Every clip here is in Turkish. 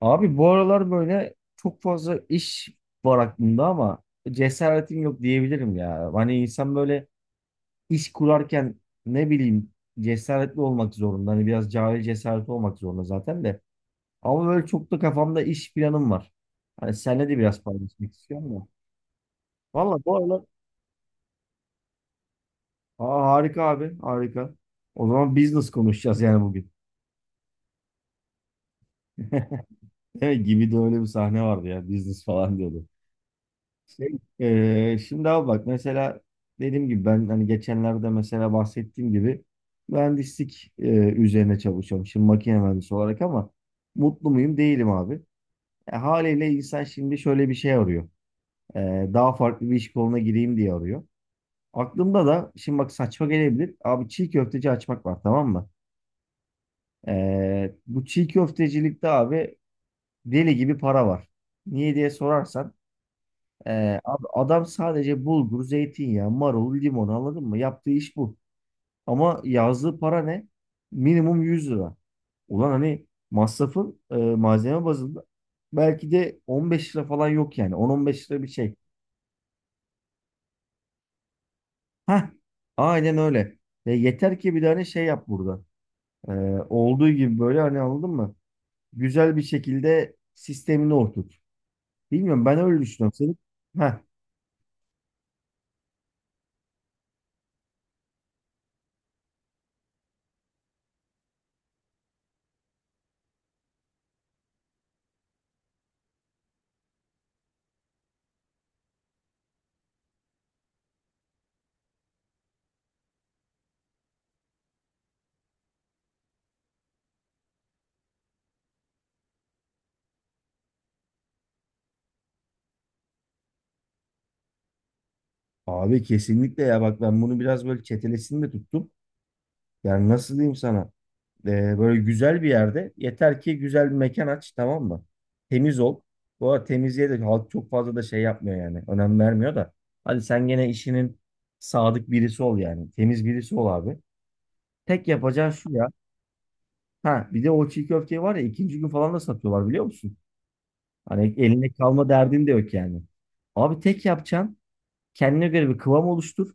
Abi bu aralar böyle çok fazla iş var aklımda ama cesaretim yok diyebilirim ya. Hani insan böyle iş kurarken ne bileyim cesaretli olmak zorunda. Hani biraz cahil cesaret olmak zorunda zaten de. Ama böyle çok da kafamda iş planım var. Hani seninle de biraz paylaşmak istiyorum da. Valla bu aralar. Aa, harika abi harika. O zaman business konuşacağız yani bugün. Değil mi? Gibi de öyle bir sahne vardı ya, business falan diyordu. Şimdi abi bak, mesela dediğim gibi ben hani geçenlerde mesela bahsettiğim gibi mühendislik üzerine çalışıyorum. Şimdi makine mühendisi olarak ama mutlu muyum? Değilim abi. Haliyle insan şimdi şöyle bir şey arıyor. Daha farklı bir iş koluna gireyim diye arıyor. Aklımda da şimdi bak, saçma gelebilir. Abi çiğ köfteci açmak var, tamam mı? Bu çiğ köftecilikte abi deli gibi para var. Niye diye sorarsan abi adam sadece bulgur, zeytinyağı, marul, limon, anladın mı? Yaptığı iş bu. Ama yazdığı para ne? Minimum 100 lira. Ulan hani masrafın malzeme bazında belki de 15 lira falan yok yani. 10-15 lira bir şey. Heh, aynen öyle. Ve yeter ki bir tane şey yap burada. Ee, Olduğu gibi böyle hani, anladın mı? Güzel bir şekilde sistemini oturt. Bilmiyorum, ben öyle düşünüyorum. Senin... Heh, abi kesinlikle ya, bak ben bunu biraz böyle çetelesini de tuttum. Yani nasıl diyeyim sana? Böyle güzel bir yerde yeter ki güzel bir mekan aç, tamam mı? Temiz ol. Bu arada temizliğe de halk çok fazla da şey yapmıyor yani. Önem vermiyor da. Hadi sen gene işinin sadık birisi ol yani. Temiz birisi ol abi. Tek yapacağın şu ya. Ha bir de o çiğ köfteyi var ya, ikinci gün falan da satıyorlar, biliyor musun? Hani eline kalma derdin de yok yani. Abi tek yapacağın kendine göre bir kıvam oluştur.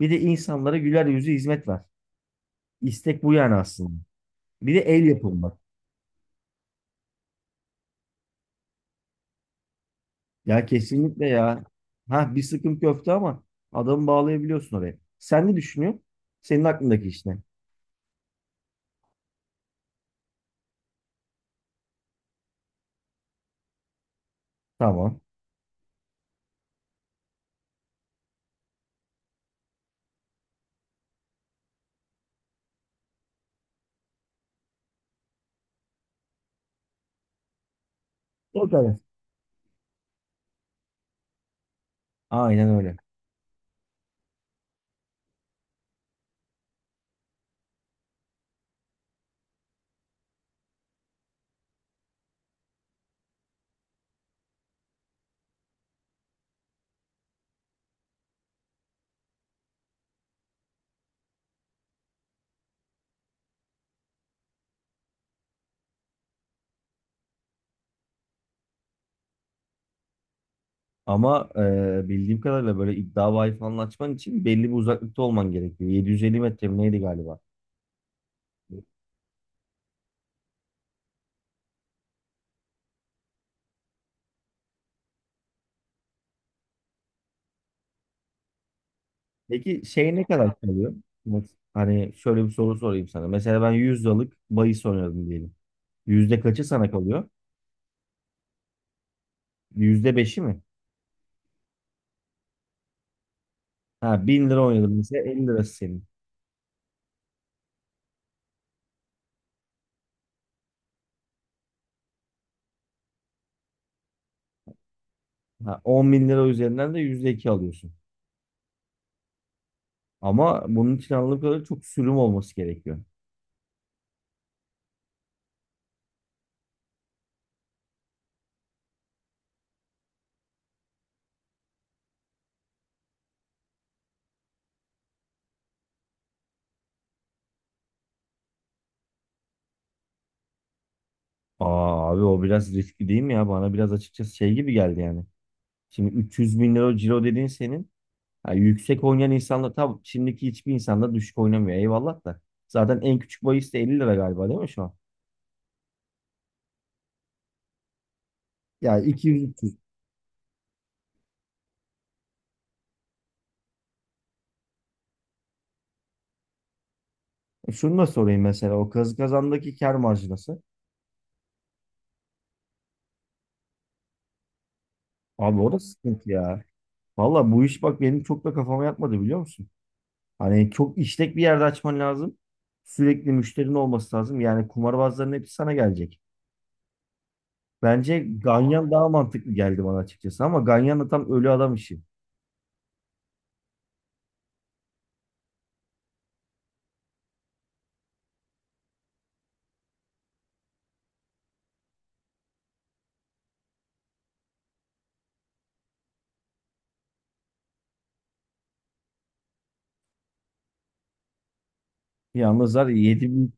Bir de insanlara güler yüzü hizmet ver. İstek bu yani aslında. Bir de el yapımı. Ya kesinlikle ya. Ha bir sıkım köfte ama adamı bağlayabiliyorsun oraya. Sen ne düşünüyorsun? Senin aklındaki iş ne? Tamam. O kadar. Aynen öyle. Ama bildiğim kadarıyla böyle iddia bahis falan açman için belli bir uzaklıkta olman gerekiyor. 750 metre mi neydi galiba? Peki şey ne kadar kalıyor? Mes- Hani şöyle bir soru sorayım sana. Mesela ben 100 liralık bahis oynadım diyelim. Yüzde kaçı sana kalıyor? Yüzde beşi mi? Ha 1000 lira oynadım mesela, elli lirası senin. Ha, 10 bin lira üzerinden de %2 alıyorsun. Ama bunun için anladığım kadarıyla çok sürüm olması gerekiyor. Aa abi, o biraz riskli değil mi ya? Bana biraz açıkçası şey gibi geldi yani. Şimdi 300 bin lira ciro dediğin senin. Ha, yüksek oynayan insanlar tabii, şimdiki hiçbir insanda düşük oynamıyor eyvallah da. Zaten en küçük bahis de 50 lira galiba değil mi şu an? Yani 200-300. Şunu da sorayım mesela, o kazı kazandaki kar marjı nasıl? Abi o da sıkıntı ya. Valla bu iş bak benim çok da kafama yatmadı, biliyor musun? Hani çok işlek bir yerde açman lazım. Sürekli müşterinin olması lazım. Yani kumarbazların hepsi sana gelecek. Bence Ganyan daha mantıklı geldi bana açıkçası ama Ganyan da tam ölü adam işi. Yalnız var ya, yedi büyük,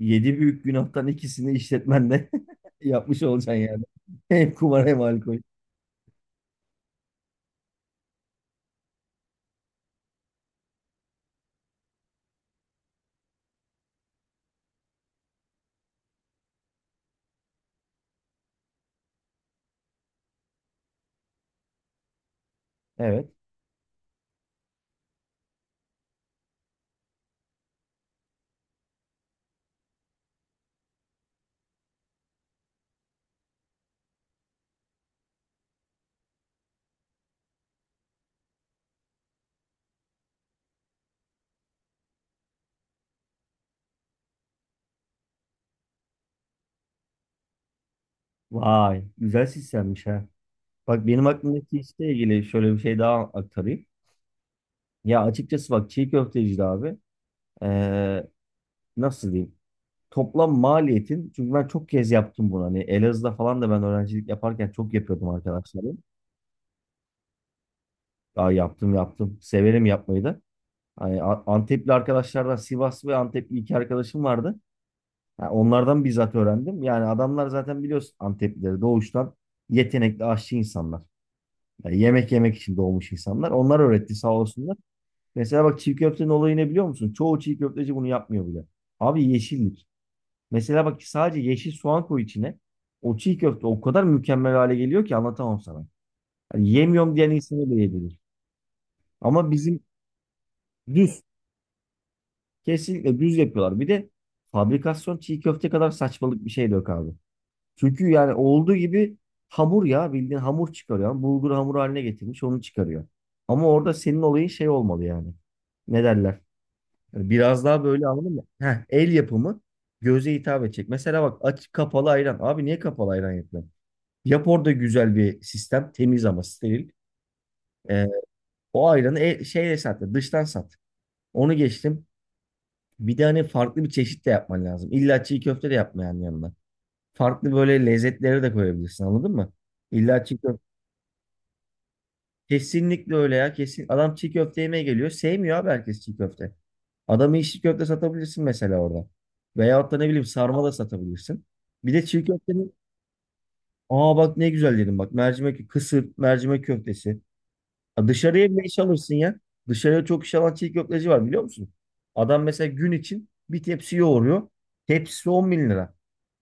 yedi büyük günahtan ikisini işletmenle yapmış olacaksın yani. Hem kumar hem alkol. Evet. Vay, güzel sistemmiş ha. Bak benim aklımdaki işle ilgili şöyle bir şey daha aktarayım. Ya açıkçası bak, çiğ köfteci de abi. ee, Nasıl diyeyim? Toplam maliyetin, çünkü ben çok kez yaptım bunu, hani Elazığ'da falan da ben öğrencilik yaparken çok yapıyordum arkadaşlarım. Daha yaptım. Severim yapmayı da. Hani Antepli arkadaşlardan, Sivas ve Antepli iki arkadaşım vardı. Ha, onlardan bizzat öğrendim. Yani adamlar zaten biliyorsun, Anteplileri doğuştan yetenekli aşçı insanlar. Yani yemek yemek için doğmuş insanlar. Onlar öğretti, sağ olsunlar. Mesela bak, çiğ köftenin olayı ne biliyor musun? Çoğu çiğ köfteci bunu yapmıyor bile. Abi yeşillik. Mesela bak, sadece yeşil soğan koy içine. O çiğ köfte o kadar mükemmel hale geliyor ki anlatamam sana. Yani yemiyorum diyen insanı bile yedirir. Ama bizim düz. Kesinlikle düz yapıyorlar. Bir de fabrikasyon çiğ köfte kadar saçmalık bir şey de yok abi. Çünkü yani olduğu gibi hamur ya, bildiğin hamur çıkarıyor. Yani bulgur hamuru haline getirmiş, onu çıkarıyor. Ama orada senin olayın şey olmalı yani. Ne derler? Yani biraz daha böyle, anladın mı? Heh, el yapımı, göze hitap edecek. Mesela bak, aç kapalı ayran. Abi niye kapalı ayran yapıyor? Yap orada güzel bir sistem. Temiz ama steril. Ee, O ayranı şeyle sat. Dıştan sat. Onu geçtim. Bir de hani farklı bir çeşit de yapman lazım. İlla çiğ köfte de yapmayan yanına. Farklı böyle lezzetlere de koyabilirsin, anladın mı? İlla çiğ köfte. Kesinlikle öyle ya. Kesin. Adam çiğ köfte yemeye geliyor. Sevmiyor abi herkes çiğ köfte. Adamı içli köfte satabilirsin mesela orada. Veyahut da ne bileyim sarma da satabilirsin. Bir de çiğ köftenin, aa bak ne güzel dedim, bak, mercimek, kısır, mercimek köftesi. Ya dışarıya bile iş alırsın ya. Dışarıya çok iş alan çiğ köfteci var, biliyor musun? Adam mesela gün için bir tepsi yoğuruyor. Tepsisi 10 bin lira.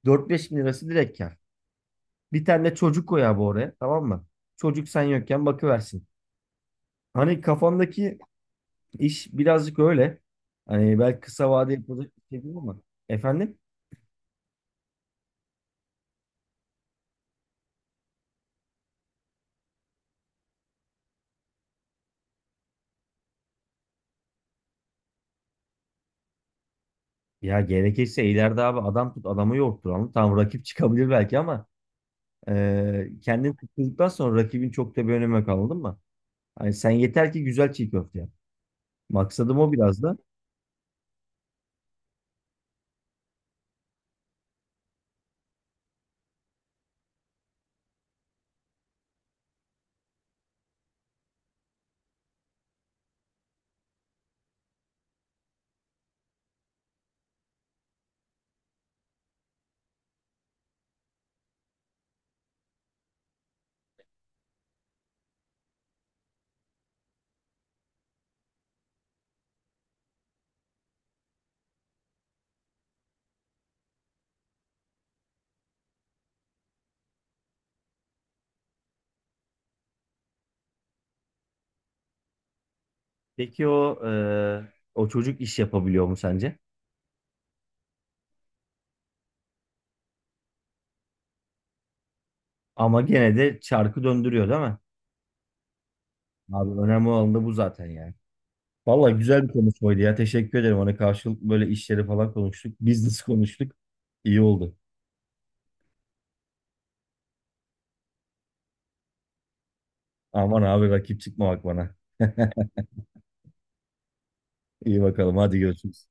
4-5 bin lirası direkt kar. Bir tane de çocuk koy abi oraya, tamam mı? Çocuk sen yokken bakıversin. Hani kafamdaki iş birazcık öyle. Hani belki kısa vade yapılacak bir şey değil ama. Efendim? Ya gerekirse ileride abi adam tut, adamı yoğurtturalım. Tamam, rakip çıkabilir belki ama kendini tuttuktan sonra rakibin çok da bir önemi yok, anladın mı? Hani sen yeter ki güzel çiğ köfte yap. Maksadım o biraz da. Peki o o çocuk iş yapabiliyor mu sence? Ama gene de çarkı döndürüyor değil mi? Abi önemli olan da bu zaten yani. Valla güzel bir konuşmaydı ya. Teşekkür ederim. Hani karşılıklı böyle işleri falan konuştuk. Business konuştuk. İyi oldu. Aman abi, rakip çıkma bak bana. İyi bakalım. Hadi görüşürüz.